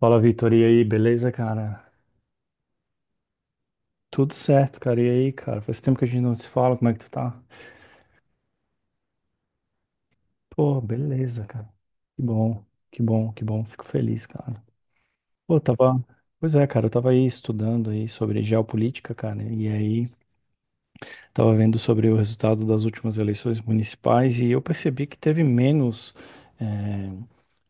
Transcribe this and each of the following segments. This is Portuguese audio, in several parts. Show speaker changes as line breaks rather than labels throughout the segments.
Fala, Vitor, e aí, beleza, cara? Tudo certo, cara. E aí, cara? Faz tempo que a gente não se fala, como é que tu tá? Pô, beleza, cara. Que bom, que bom, que bom. Fico feliz, cara. Pô, eu tava. Pois é, cara, eu tava aí estudando aí sobre geopolítica, cara, e aí tava vendo sobre o resultado das últimas eleições municipais e eu percebi que teve menos, eh,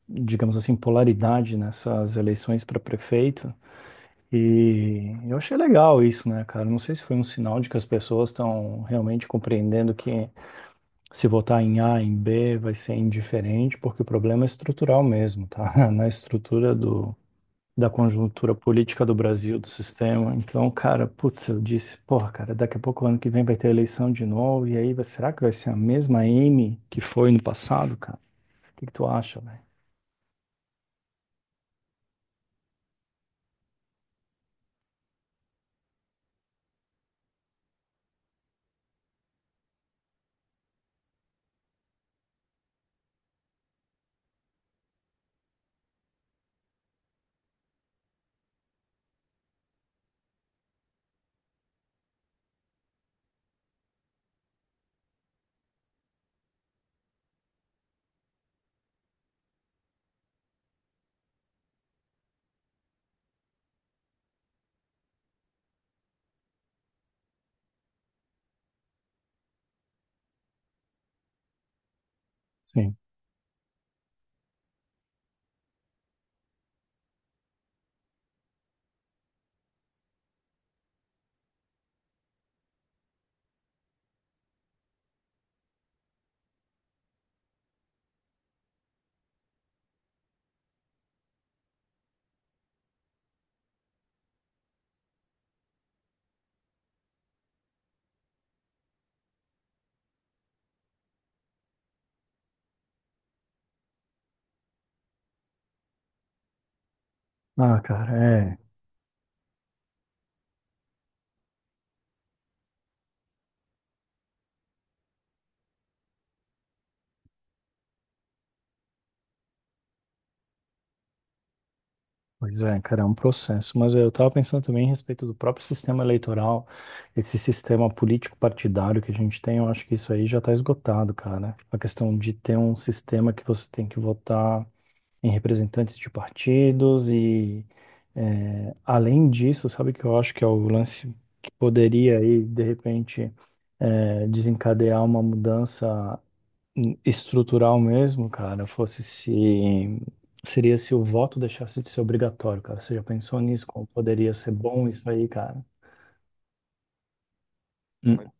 digamos assim, polaridade nessas eleições para prefeito. E eu achei legal isso, né, cara? Não sei se foi um sinal de que as pessoas estão realmente compreendendo que se votar em A, em B, vai ser indiferente, porque o problema é estrutural mesmo, tá? Na estrutura do, da conjuntura política do Brasil, do sistema. Então, cara, putz, eu disse, porra, cara, daqui a pouco, ano que vem, vai ter eleição de novo, e aí, será que vai ser a mesma M que foi no passado, cara? O que que tu acha, velho? Sim. Ah, cara, é. Pois é, cara, é um processo. Mas eu estava pensando também a respeito do próprio sistema eleitoral, esse sistema político-partidário que a gente tem, eu acho que isso aí já está esgotado, cara. A questão de ter um sistema que você tem que votar em representantes de partidos e, além disso, sabe que eu acho que é o lance que poderia aí, de repente, desencadear uma mudança estrutural mesmo, cara, fosse se seria se o voto deixasse de ser obrigatório, cara. Você já pensou nisso? Como poderia ser bom isso aí, cara? Hum.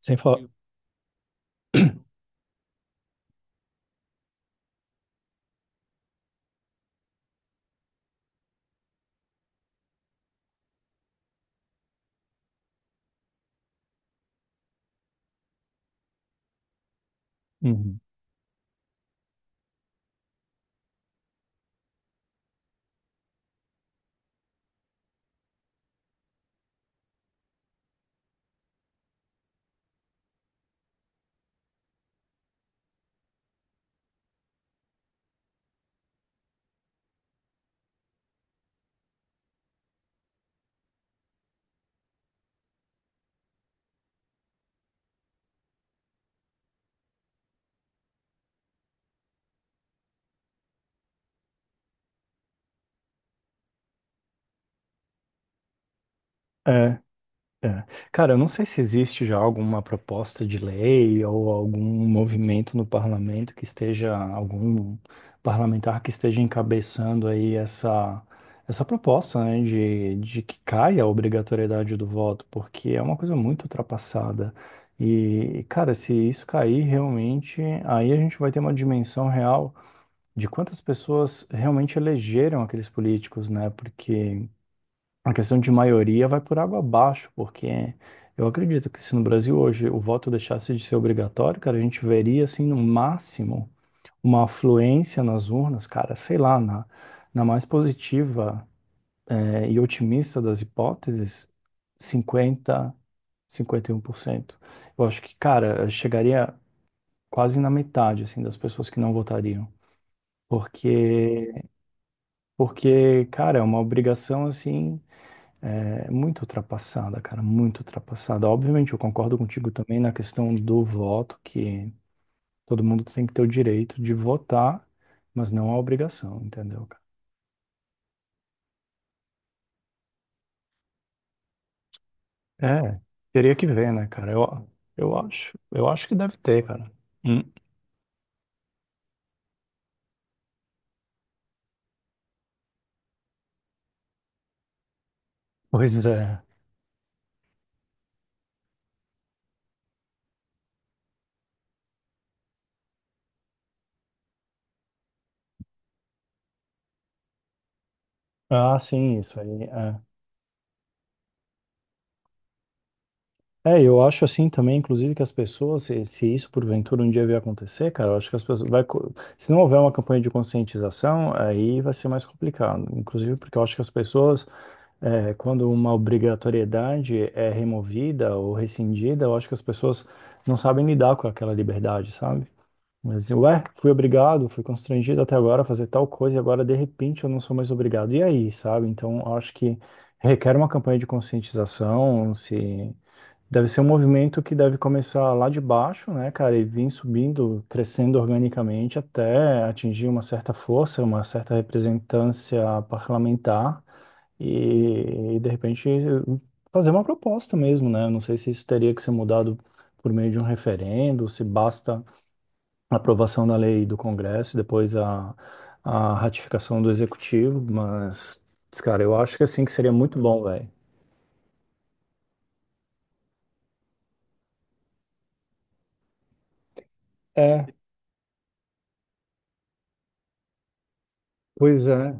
Sem falar. Uhum. É, é. Cara, eu não sei se existe já alguma proposta de lei ou algum movimento no parlamento que esteja, algum parlamentar que esteja encabeçando aí essa proposta, né, de que caia a obrigatoriedade do voto, porque é uma coisa muito ultrapassada. E, cara, se isso cair realmente, aí a gente vai ter uma dimensão real de quantas pessoas realmente elegeram aqueles políticos, né? Porque a questão de maioria vai por água abaixo, porque eu acredito que se no Brasil hoje o voto deixasse de ser obrigatório, cara, a gente veria, assim, no máximo, uma afluência nas urnas, cara, sei lá, na, na mais positiva, e otimista das hipóteses, cinquenta 51%. Eu acho que, cara, chegaria quase na metade, assim, das pessoas que não votariam. Porque, porque, cara, é uma obrigação, assim, é muito ultrapassada, cara, muito ultrapassada. Obviamente, eu concordo contigo também na questão do voto, que todo mundo tem que ter o direito de votar, mas não a obrigação, entendeu, cara? É, teria que ver, né, cara? Eu acho que deve ter, cara. Hum. Pois é. Ah, sim, isso aí. É. É, eu acho assim também, inclusive, que as pessoas, se isso porventura um dia vier acontecer, cara, eu acho que as pessoas se não houver uma campanha de conscientização, aí vai ser mais complicado. Inclusive, porque eu acho que as pessoas é, quando uma obrigatoriedade é removida ou rescindida, eu acho que as pessoas não sabem lidar com aquela liberdade, sabe? Mas, ué, fui obrigado, fui constrangido até agora a fazer tal coisa e agora, de repente, eu não sou mais obrigado. E aí, sabe? Então, eu acho que requer uma campanha de conscientização, se... Deve ser um movimento que deve começar lá de baixo, né, cara, e vir subindo, crescendo organicamente até atingir uma certa força, uma certa representância parlamentar e, de repente fazer uma proposta mesmo, né? Eu não sei se isso teria que ser mudado por meio de um referendo, se basta a aprovação da lei do Congresso e depois a ratificação do Executivo, mas, cara, eu acho que assim que seria muito bom, velho. É, pois é.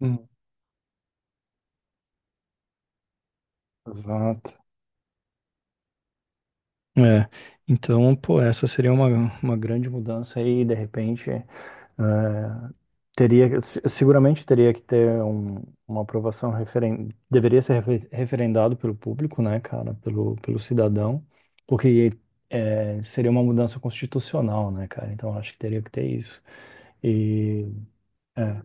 Hum, Exato. É, então, pô, essa seria uma grande mudança aí, de repente. É, teria, seguramente teria que ter uma aprovação deveria ser referendado pelo público, né, cara, pelo, pelo cidadão, porque é, seria uma mudança constitucional, né, cara? Então acho que teria que ter isso. E é,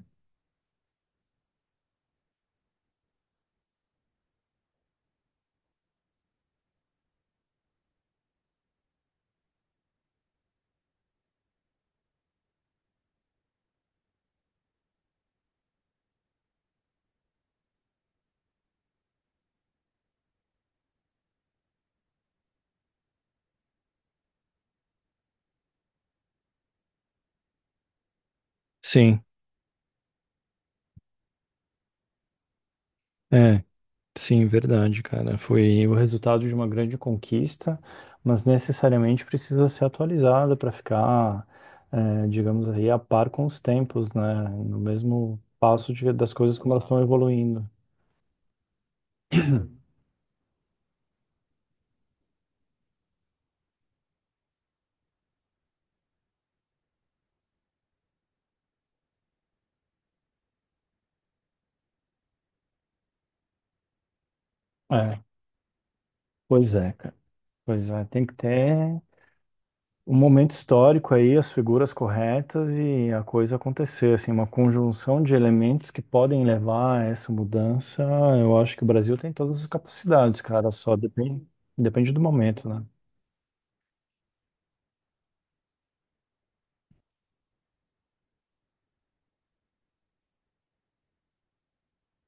sim, é. Sim, verdade, cara. Foi o resultado de uma grande conquista, mas necessariamente precisa ser atualizada para ficar, digamos aí, a par com os tempos, né? No mesmo passo das coisas como elas estão evoluindo. É, pois é, cara. Pois é, tem que ter. Um momento histórico aí, as figuras corretas e a coisa acontecer, assim, uma conjunção de elementos que podem levar a essa mudança. Eu acho que o Brasil tem todas as capacidades, cara, só depende, depende do momento, né?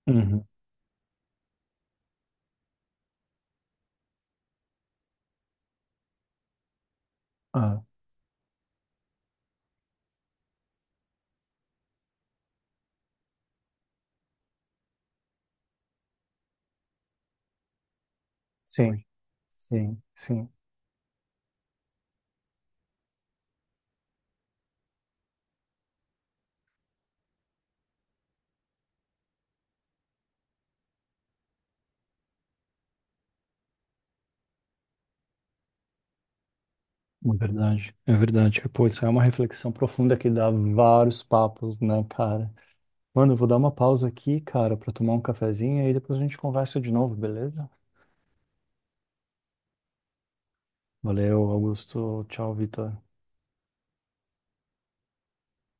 Uhum. Ah, sim, sim, sim. É verdade, é verdade. Pô, isso é uma reflexão profunda que dá vários papos, né, cara? Mano, eu vou dar uma pausa aqui, cara, pra tomar um cafezinho e aí depois a gente conversa de novo, beleza? Valeu, Augusto. Tchau, Vitor.